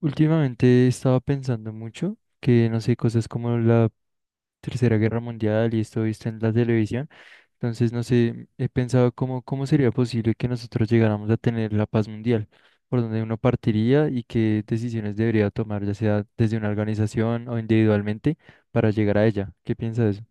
Últimamente estaba pensando mucho que, no sé, cosas como la Tercera Guerra Mundial y esto visto en la televisión. Entonces, no sé, he pensado cómo sería posible que nosotros llegáramos a tener la paz mundial, por donde uno partiría y qué decisiones debería tomar, ya sea desde una organización o individualmente, para llegar a ella. ¿Qué piensa de eso?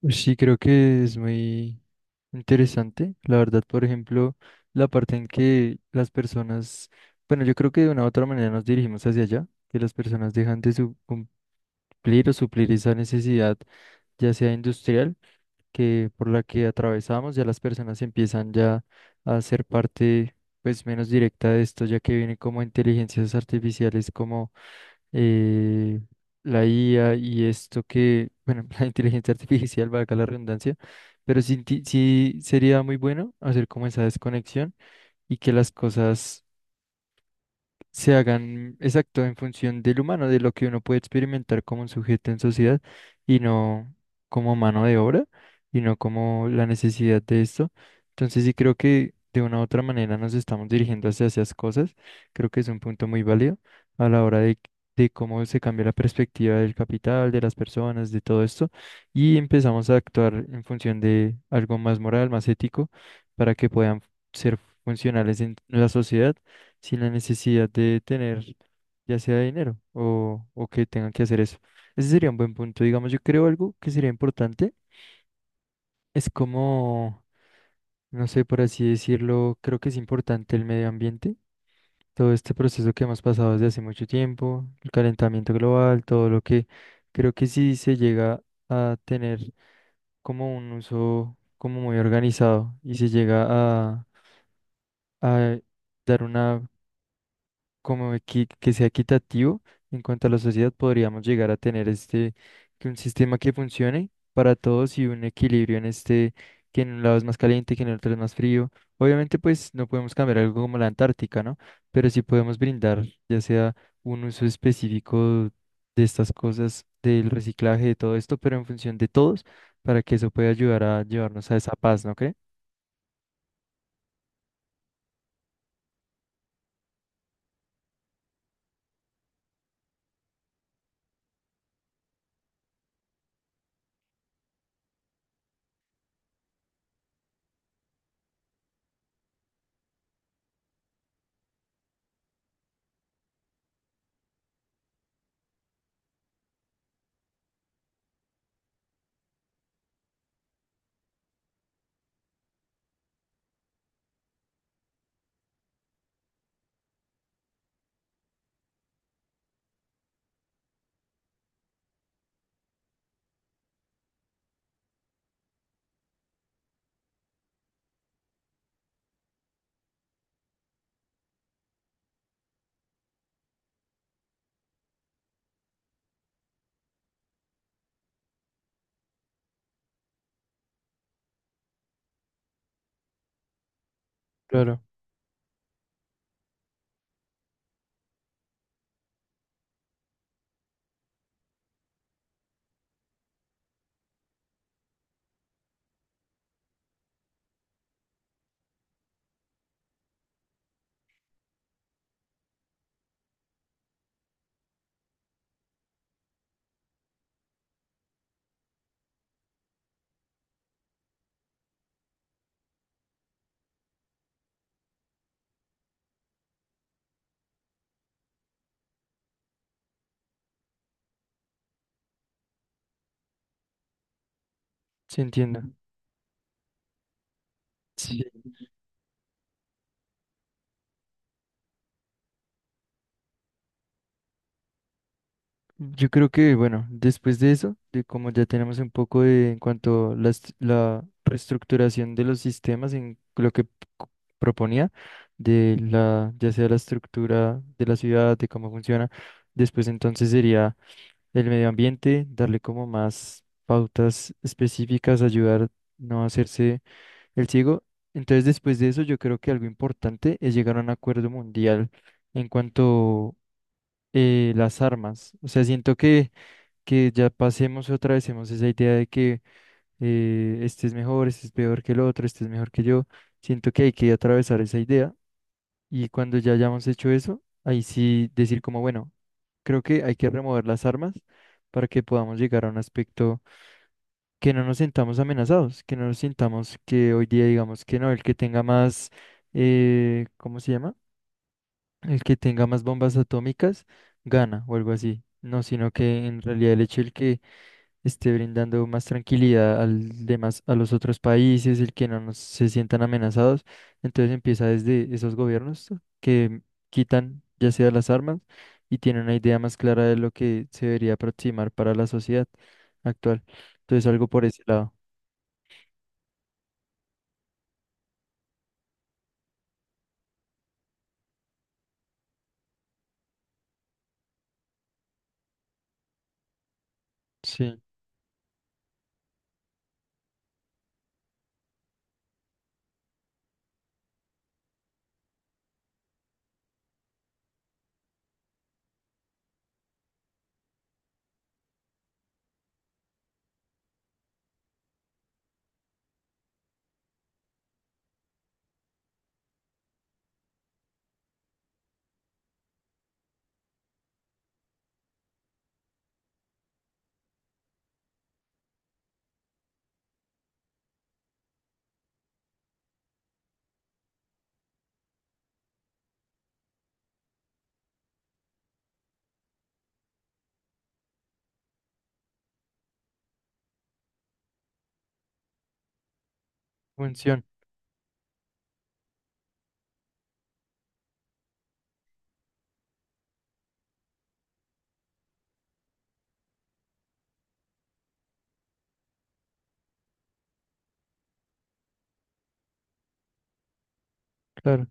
Pues sí, creo que es muy interesante, la verdad. Por ejemplo, la parte en que las personas, bueno, yo creo que de una u otra manera nos dirigimos hacia allá, que las personas dejan de cumplir o suplir esa necesidad, ya sea industrial, que por la que atravesamos, ya las personas empiezan ya a ser parte, pues, menos directa de esto, ya que viene como inteligencias artificiales, como eh, la IA y esto que, bueno, la inteligencia artificial, valga la redundancia. Pero sí, sí sería muy bueno hacer como esa desconexión y que las cosas se hagan exacto en función del humano, de lo que uno puede experimentar como un sujeto en sociedad y no como mano de obra y no como la necesidad de esto. Entonces sí creo que de una u otra manera nos estamos dirigiendo hacia esas cosas. Creo que es un punto muy válido a la hora de cómo se cambia la perspectiva del capital, de las personas, de todo esto, y empezamos a actuar en función de algo más moral, más ético, para que puedan ser funcionales en la sociedad sin la necesidad de tener ya sea dinero o que tengan que hacer eso. Ese sería un buen punto. Digamos, yo creo algo que sería importante es como, no sé, por así decirlo, creo que es importante el medio ambiente, todo este proceso que hemos pasado desde hace mucho tiempo, el calentamiento global, todo lo que creo que si se llega a tener como un uso como muy organizado y se llega a, a dar una como que sea equitativo en cuanto a la sociedad, podríamos llegar a tener este, que un sistema que funcione para todos y un equilibrio en este, que en un lado es más caliente, que en el otro es más frío. Obviamente, pues no podemos cambiar algo como la Antártica, ¿no? Pero sí podemos brindar, ya sea un uso específico de estas cosas, del reciclaje, de todo esto, pero en función de todos, para que eso pueda ayudar a llevarnos a esa paz, ¿no cree? Claro, sí entiendo. Yo creo que, bueno, después de eso, de como ya tenemos un poco de en cuanto a la, la reestructuración de los sistemas en lo que co- proponía, de la, ya sea la estructura de la ciudad, de cómo funciona, después entonces sería el medio ambiente, darle como más pautas específicas, ayudar no a hacerse el ciego. Entonces, después de eso, yo creo que algo importante es llegar a un acuerdo mundial en cuanto las armas. O sea, siento que ya pasemos otra vez, hemos esa idea de que este es mejor, este es peor que el otro, este es mejor que yo. Siento que hay que atravesar esa idea y cuando ya hayamos hecho eso, ahí sí decir como, bueno, creo que hay que remover las armas para que podamos llegar a un aspecto que no nos sintamos amenazados, que no nos sintamos que hoy día digamos que no, el que tenga más, ¿cómo se llama? El que tenga más bombas atómicas gana o algo así. No, sino que en realidad el hecho el que esté brindando más tranquilidad al demás, a los otros países, el que no se sientan amenazados. Entonces empieza desde esos gobiernos que quitan ya sea las armas y tienen una idea más clara de lo que se debería aproximar para la sociedad actual. Entonces algo por ese lado. Sí, función, claro.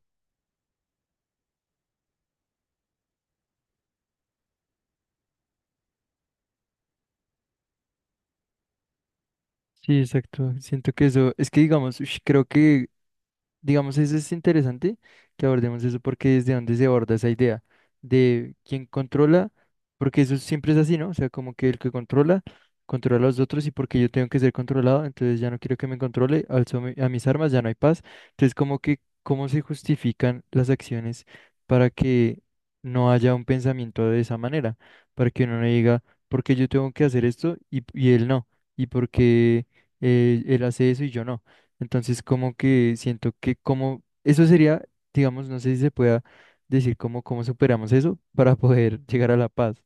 Sí, exacto. Siento que eso, es que digamos, ush, creo que. Digamos, eso es interesante que abordemos eso porque desde dónde se aborda esa idea de quién controla, porque eso siempre es así, ¿no? O sea, como que el que controla, controla a los otros y porque yo tengo que ser controlado, entonces ya no quiero que me controle, alzo a mis armas, ya no hay paz. Entonces, como que, ¿cómo se justifican las acciones para que no haya un pensamiento de esa manera? Para que uno no diga, ¿por qué yo tengo que hacer esto y él no? ¿Y por qué él hace eso y yo no? Entonces, como que siento que como eso sería, digamos, no sé si se pueda decir cómo superamos eso para poder llegar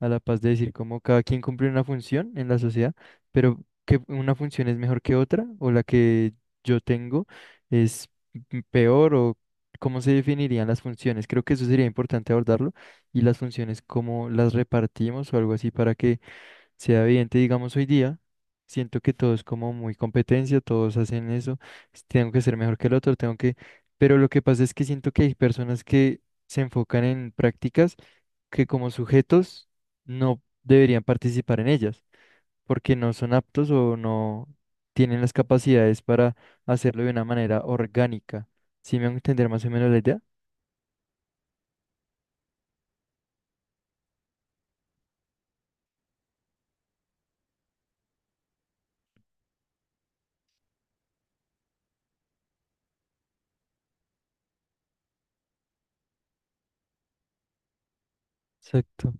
a la paz de decir cómo cada quien cumple una función en la sociedad, pero que una función es mejor que otra o la que yo tengo es peor o cómo se definirían las funciones. Creo que eso sería importante abordarlo y las funciones, cómo las repartimos o algo así para que sea evidente. Digamos hoy día, siento que todo es como muy competencia, todos hacen eso, tengo que ser mejor que el otro, tengo que, pero lo que pasa es que siento que hay personas que se enfocan en prácticas que como sujetos no deberían participar en ellas, porque no son aptos o no tienen las capacidades para hacerlo de una manera orgánica. ¿Sí me van a entender más o menos la idea? Exacto,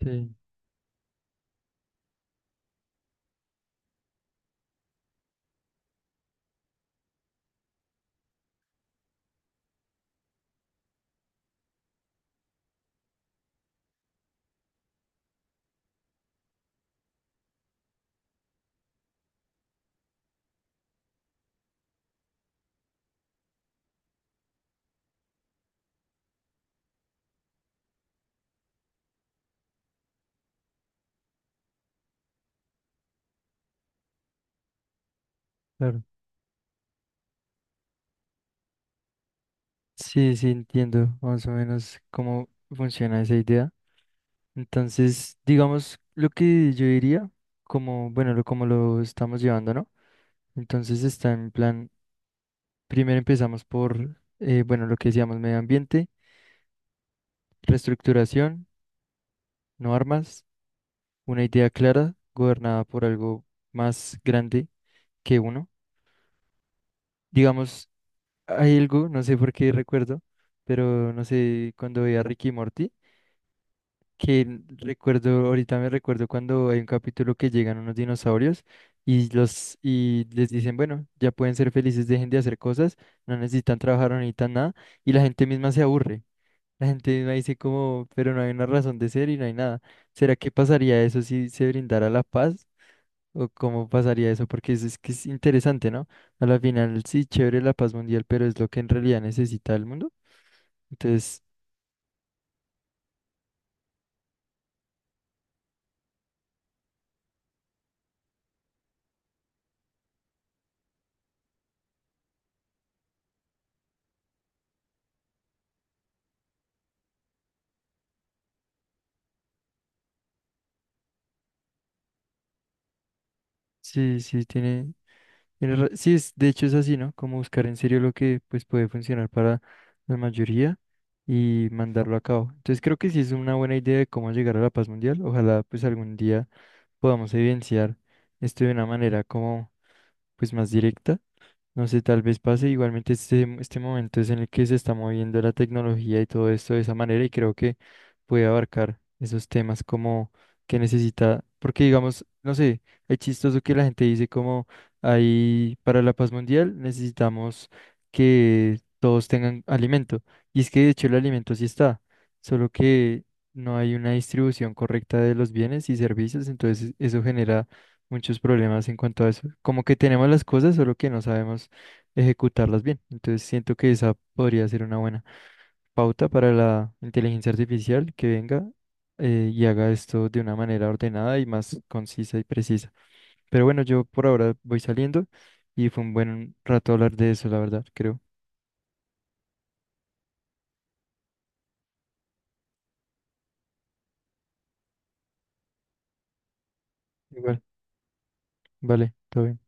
sí, claro. Sí, sí, entiendo más o menos cómo funciona esa idea. Entonces, digamos lo que yo diría, como, bueno, lo, como lo estamos llevando, ¿no? Entonces está en plan, primero empezamos por, bueno, lo que decíamos, medio ambiente, reestructuración, no armas, una idea clara, gobernada por algo más grande que uno. Digamos, hay algo, no sé por qué recuerdo, pero no sé, cuando veía a Ricky y Morty, que recuerdo, ahorita me recuerdo cuando hay un capítulo que llegan unos dinosaurios y los y les dicen, bueno, ya pueden ser felices, dejen de hacer cosas, no necesitan trabajar, no necesitan nada, y la gente misma se aburre. La gente misma dice como, pero no hay una razón de ser y no hay nada. ¿Será que pasaría eso si se brindara la paz? ¿O cómo pasaría eso? Porque eso es que es interesante, ¿no? A la final, sí, chévere la paz mundial, pero es lo que en realidad necesita el mundo. Entonces, sí, sí, tiene. Tienes sí, es, de hecho es así, ¿no? Como buscar en serio lo que pues puede funcionar para la mayoría y mandarlo a cabo. Entonces creo que sí es una buena idea de cómo llegar a la paz mundial. Ojalá pues algún día podamos evidenciar esto de una manera como pues más directa. No sé, tal vez pase igualmente este, este momento es en el que se está moviendo la tecnología y todo esto de esa manera y creo que puede abarcar esos temas como que necesita, porque digamos, no sé, es chistoso que la gente dice como ahí para la paz mundial necesitamos que todos tengan alimento y es que de hecho el alimento sí está, solo que no hay una distribución correcta de los bienes y servicios, entonces eso genera muchos problemas en cuanto a eso. Como que tenemos las cosas, solo que no sabemos ejecutarlas bien. Entonces siento que esa podría ser una buena pauta para la inteligencia artificial que venga, y haga esto de una manera ordenada y más concisa y precisa. Pero bueno, yo por ahora voy saliendo y fue un buen rato hablar de eso, la verdad, creo. Igual, vale, todo bien.